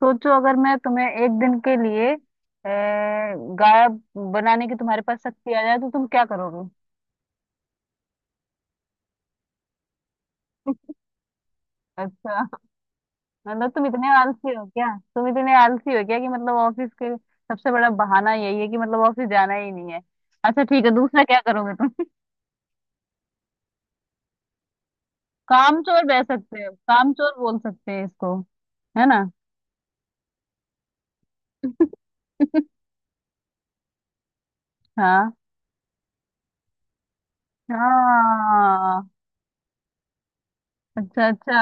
सोचो अगर मैं तुम्हें एक दिन के लिए गायब बनाने की तुम्हारे पास शक्ति आ जाए तो तुम क्या करोगे? अच्छा, मतलब तुम इतने आलसी हो क्या? तुम इतने आलसी हो क्या कि मतलब ऑफिस के सबसे बड़ा बहाना यही है कि मतलब ऑफिस जाना ही नहीं है। अच्छा, ठीक है, दूसरा क्या करोगे तुम? कामचोर बह सकते हो, कामचोर बोल सकते हैं इसको, है ना? हाँ, हाँ। अच्छा, अच्छा।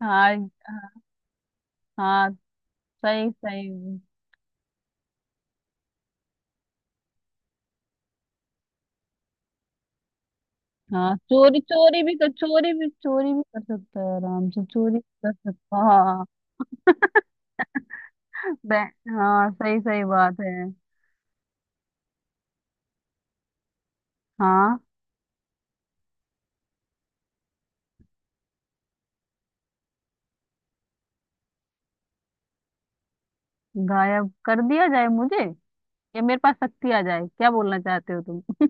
हाँ, हाँ। सही, सही। हाँ, चोरी चोरी भी कर, चोरी भी कर सकता है आराम से, चोरी भी कर सकता है, हाँ। बे- हाँ, सही, सही बात है। हाँ, गायब कर दिया जाए मुझे या मेरे पास शक्ति आ जाए, क्या बोलना चाहते हो तुम?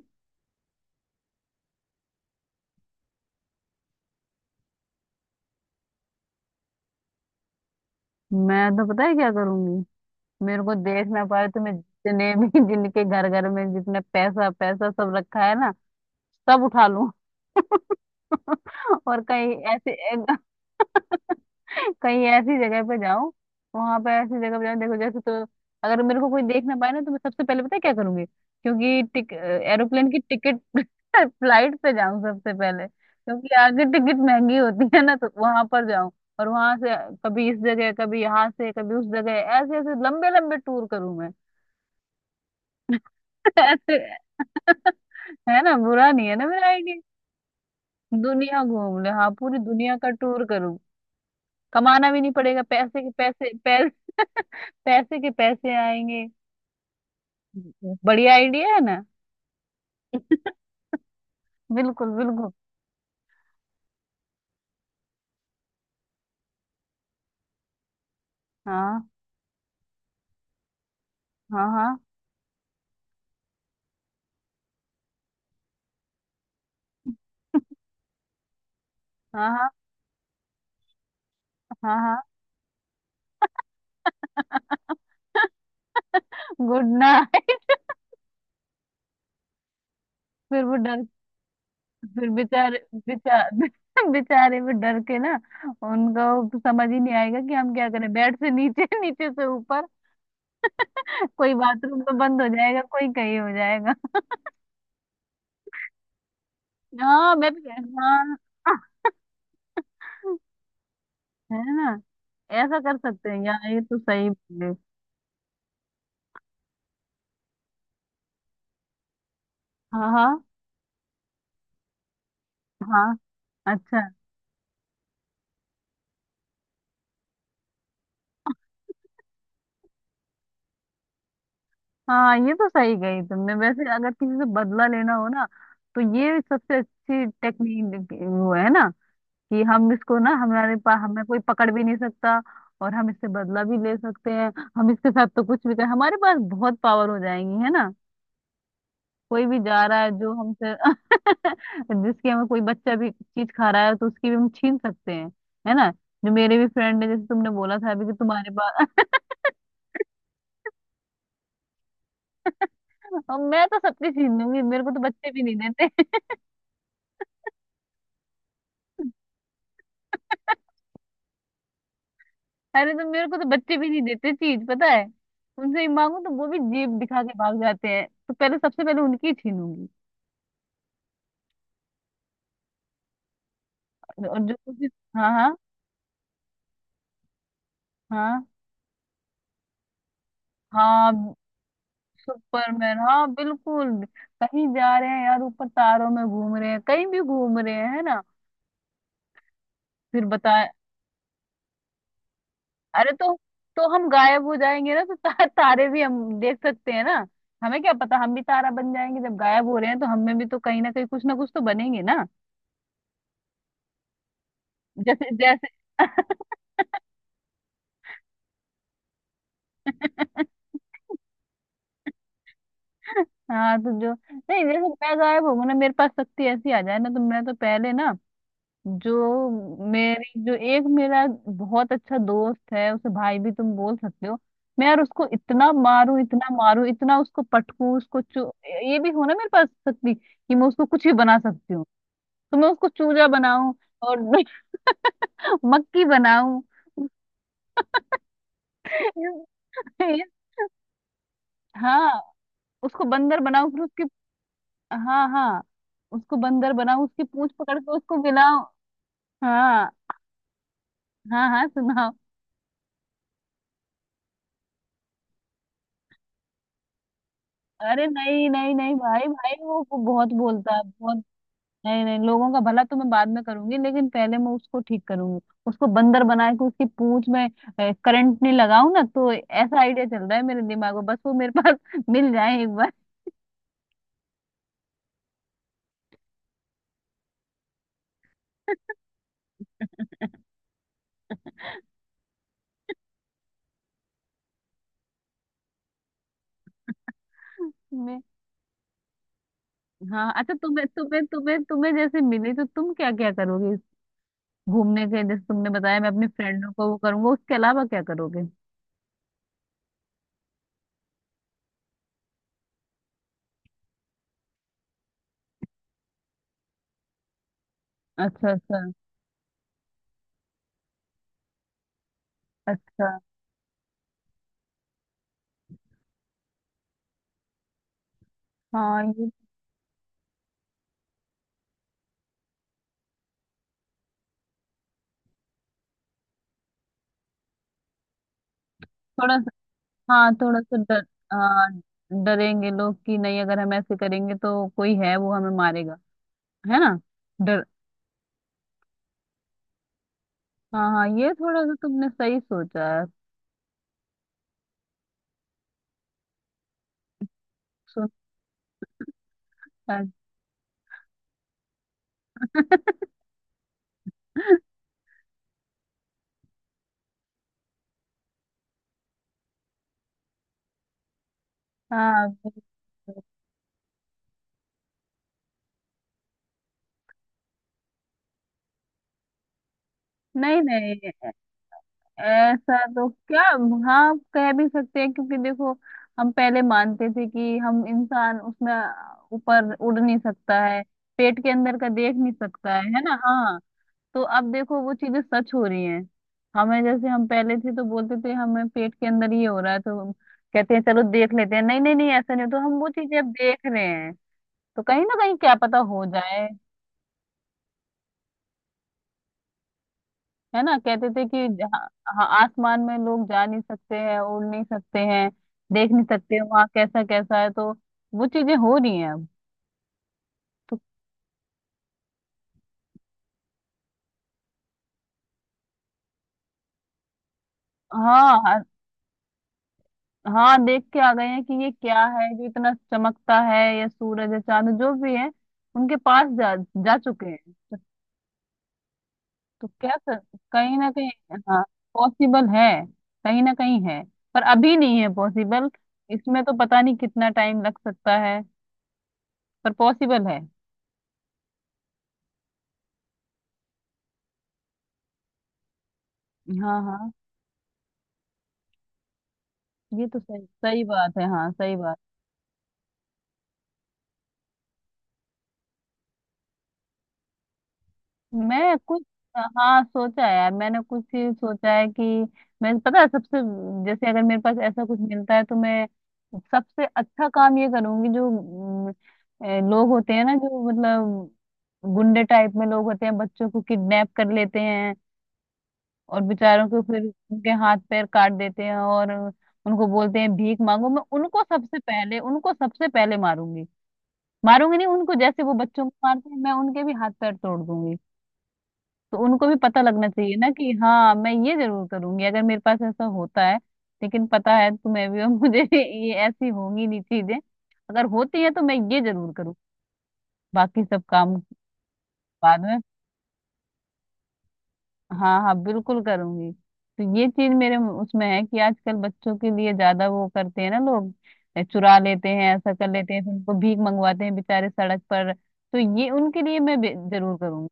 मैं तो पता है क्या करूंगी। मेरे को देख ना पाए तो मैं जितने भी जिनके घर घर में जितने पैसा पैसा सब रखा है ना, सब उठा लूं। और कहीं ऐसे कहीं ऐसी जगह पे जाऊं, वहां पे ऐसी जगह पे जाऊं। देखो जैसे तो अगर मेरे को कोई देख ना पाए ना तो मैं सबसे पहले पता है क्या करूंगी, क्योंकि टिक एरोप्लेन की टिकट फ्लाइट पे जाऊं सबसे पहले, क्योंकि आगे टिकट महंगी होती है ना, तो वहां पर जाऊं। और वहां से कभी इस जगह, कभी यहाँ से, कभी उस जगह, ऐसे ऐसे लंबे लंबे टूर करूं मैं। ऐसे है ना, बुरा नहीं है ना मेरा आइडिया? दुनिया घूम ले, हाँ, पूरी दुनिया का टूर करूं। कमाना भी नहीं पड़ेगा, पैसे के पैसे पैसे पैसे के पैसे आएंगे। बढ़िया आइडिया है ना? बिल्कुल, बिल्कुल। हाँ, हाँ, हाँ, हाँ, हाँ, हाँ, हाँ। Good night. फिर वो डर, फिर बेचारे, बेचारे बेचारे वो डर के ना उनका वो समझ ही नहीं आएगा कि हम क्या करें, बेड से नीचे नीचे से ऊपर। कोई बाथरूम तो बंद हो जाएगा, कोई कहीं हो जाएगा। हाँ, मैं भी, हाँ। है ना? ऐसा कर सकते हैं यार, ये तो सही। हाँ, हाँ, हाँ। अच्छा। हाँ, ये तो सही गई तुमने, वैसे अगर किसी से बदला लेना हो ना तो ये सबसे अच्छी टेक्निक वो है ना, कि हम इसको ना, हमारे पास, हमें कोई पकड़ भी नहीं सकता और हम इससे बदला भी ले सकते हैं। हम इसके साथ तो कुछ भी कर, हमारे पास बहुत पावर हो जाएंगी, है ना? कोई भी जा रहा है जो हमसे जिसके हमें कोई बच्चा भी चीज खा रहा है तो उसकी भी हम छीन सकते हैं, है ना? जो मेरे भी फ्रेंड है जैसे तुमने बोला था अभी कि तुम्हारे पास, और मैं तो सबकी छीन लूंगी, मेरे को तो बच्चे भी नहीं देते। अरे तो मेरे को तो बच्चे भी नहीं देते चीज, पता है? उनसे ही मांगू तो वो भी जेब दिखा के भाग जाते हैं, तो पहले सबसे पहले उनकी ही छीनूंगी। और हाँ, हाँ, हाँ, हाँ। सुपरमैन, हाँ, बिल्कुल। कहीं जा रहे हैं यार, ऊपर तारों में घूम रहे हैं, कहीं भी घूम रहे हैं, है ना? फिर बताए। अरे तो हम गायब हो जाएंगे ना, तो तारे भी हम देख सकते हैं ना? हमें क्या पता, हम भी तारा बन जाएंगे, जब गायब हो रहे हैं तो हमें भी तो कहीं ना कहीं कुछ ना कुछ तो बनेंगे ना। जैसे जैसे हाँ, तो जो नहीं, जैसे मैं गायब होंगी ना, मेरे पास शक्ति ऐसी आ जाए ना तो मैं तो पहले ना, जो मेरी जो एक मेरा बहुत अच्छा दोस्त है, उसे भाई भी तुम बोल सकते हो। मैं यार उसको इतना मारूं, इतना मारूं, इतना उसको पटकूं, उसको चू ये भी हो ना मेरे पास शक्ति कि मैं उसको कुछ भी बना सकती हूँ, तो मैं उसको चूजा बनाऊं और मक्खी बनाऊं। ये- हाँ, उसको बंदर बनाऊं, फिर उसकी, हाँ, हाँ। उसको बंदर बनाओ, उसकी पूंछ पकड़ के उसको गिलाओ। हाँ, हाँ, हाँ, सुनाओ। अरे, नहीं, नहीं, नहीं, भाई, भाई, वो बहुत बोलता है, बहुत। नहीं, नहीं, लोगों का भला तो मैं बाद में करूंगी, लेकिन पहले मैं उसको ठीक करूंगी। उसको बंदर बना के उसकी पूंछ में करंट नहीं लगाऊं ना, तो ऐसा आइडिया चल रहा है मेरे दिमाग में, बस वो मेरे पास मिल जाए एक बार। मैं, हाँ, अच्छा, तुम्हें तुम्हें तुम्हें तुम्हें जैसे मिली तो तुम क्या क्या करोगे इस घूमने के जैसे तुमने बताया, मैं अपनी फ्रेंडों को वो करूंगा, उसके अलावा क्या करोगे? अच्छा, अच्छा, अच्छा। हाँ, ये थोड़ा सा, हाँ, थोड़ा सा डर, हाँ। डरेंगे लोग कि नहीं, अगर हम ऐसे करेंगे तो कोई है वो हमें मारेगा, है ना? डर। हाँ, हाँ, ये थोड़ा सा तुमने सही सोचा है। सुन। हाँ, बिल्कुल। नहीं, नहीं, ऐसा तो क्या, हाँ, कह भी सकते हैं, क्योंकि देखो हम पहले मानते थे कि हम इंसान उसमें ऊपर उड़ नहीं सकता है, पेट के अंदर का देख नहीं सकता है ना? हाँ, तो अब देखो वो चीजें सच हो रही हैं। हमें जैसे हम पहले थे तो बोलते थे, हमें पेट के अंदर ये हो रहा है तो हम कहते हैं चलो देख लेते हैं, नहीं, नहीं, नहीं, ऐसा नहीं हो, तो हम वो चीजें अब देख रहे हैं। तो कहीं ना कहीं क्या पता हो जाए, है ना? कहते थे कि हाँ, आसमान में लोग जा नहीं सकते हैं, उड़ नहीं सकते हैं, देख नहीं सकते वहाँ कैसा कैसा है, तो वो चीजें हो रही हैं अब। तो हाँ, हाँ, हाँ, देख के आ गए हैं कि ये क्या है जो इतना चमकता है, या सूरज या चांद, जो भी है, उनके पास जा जा चुके हैं। तो क्या कर, कहीं ना कहीं, हाँ, पॉसिबल है, कहीं ना कहीं है, पर अभी नहीं है पॉसिबल। इसमें तो पता नहीं कितना टाइम लग सकता है, पर पॉसिबल है। हाँ, हाँ, ये तो सही, सही बात है, हाँ, सही बात। मैं कुछ, हाँ, सोचा है यार, मैंने कुछ ही सोचा है कि मैं, पता है, सबसे जैसे अगर मेरे पास ऐसा कुछ मिलता है तो मैं सबसे अच्छा काम ये करूंगी। जो ए, लोग होते हैं ना जो मतलब गुंडे टाइप में लोग होते हैं, बच्चों को किडनैप कर लेते हैं और बेचारों को फिर उनके हाथ पैर काट देते हैं और उनको बोलते हैं भीख मांगो, मैं उनको सबसे पहले मारूंगी। मारूंगी नहीं, उनको जैसे वो बच्चों को मारते हैं, मैं उनके भी हाथ पैर तोड़ दूंगी। तो उनको भी पता लगना चाहिए ना कि हाँ मैं ये जरूर करूंगी अगर मेरे पास ऐसा होता है। लेकिन पता है तुम्हें भी और मुझे भी ये ऐसी होंगी नहीं चीजें। अगर होती है तो मैं ये जरूर करूँ, बाकी सब काम बाद में, हाँ, हाँ, बिल्कुल करूंगी। तो ये चीज मेरे उसमें है कि आजकल बच्चों के लिए ज्यादा वो करते हैं ना लोग, ए, चुरा लेते हैं, ऐसा कर लेते हैं, फिर उनको भीख मंगवाते हैं बेचारे सड़क पर, तो ये उनके लिए मैं जरूर करूंगी।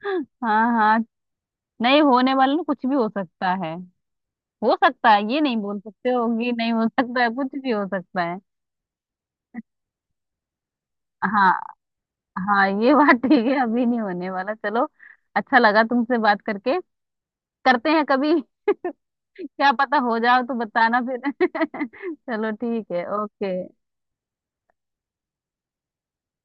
हाँ, हाँ। नहीं होने वाला ना, कुछ भी हो सकता है, हो सकता है, ये नहीं बोल सकते, होगी नहीं, हो सकता है, कुछ भी हो सकता है। हाँ, हाँ, ये बात ठीक है, अभी नहीं होने वाला, चलो। अच्छा लगा तुमसे बात करके। करते हैं कभी। क्या पता हो जाओ तो बताना फिर। चलो, ठीक है, ओके।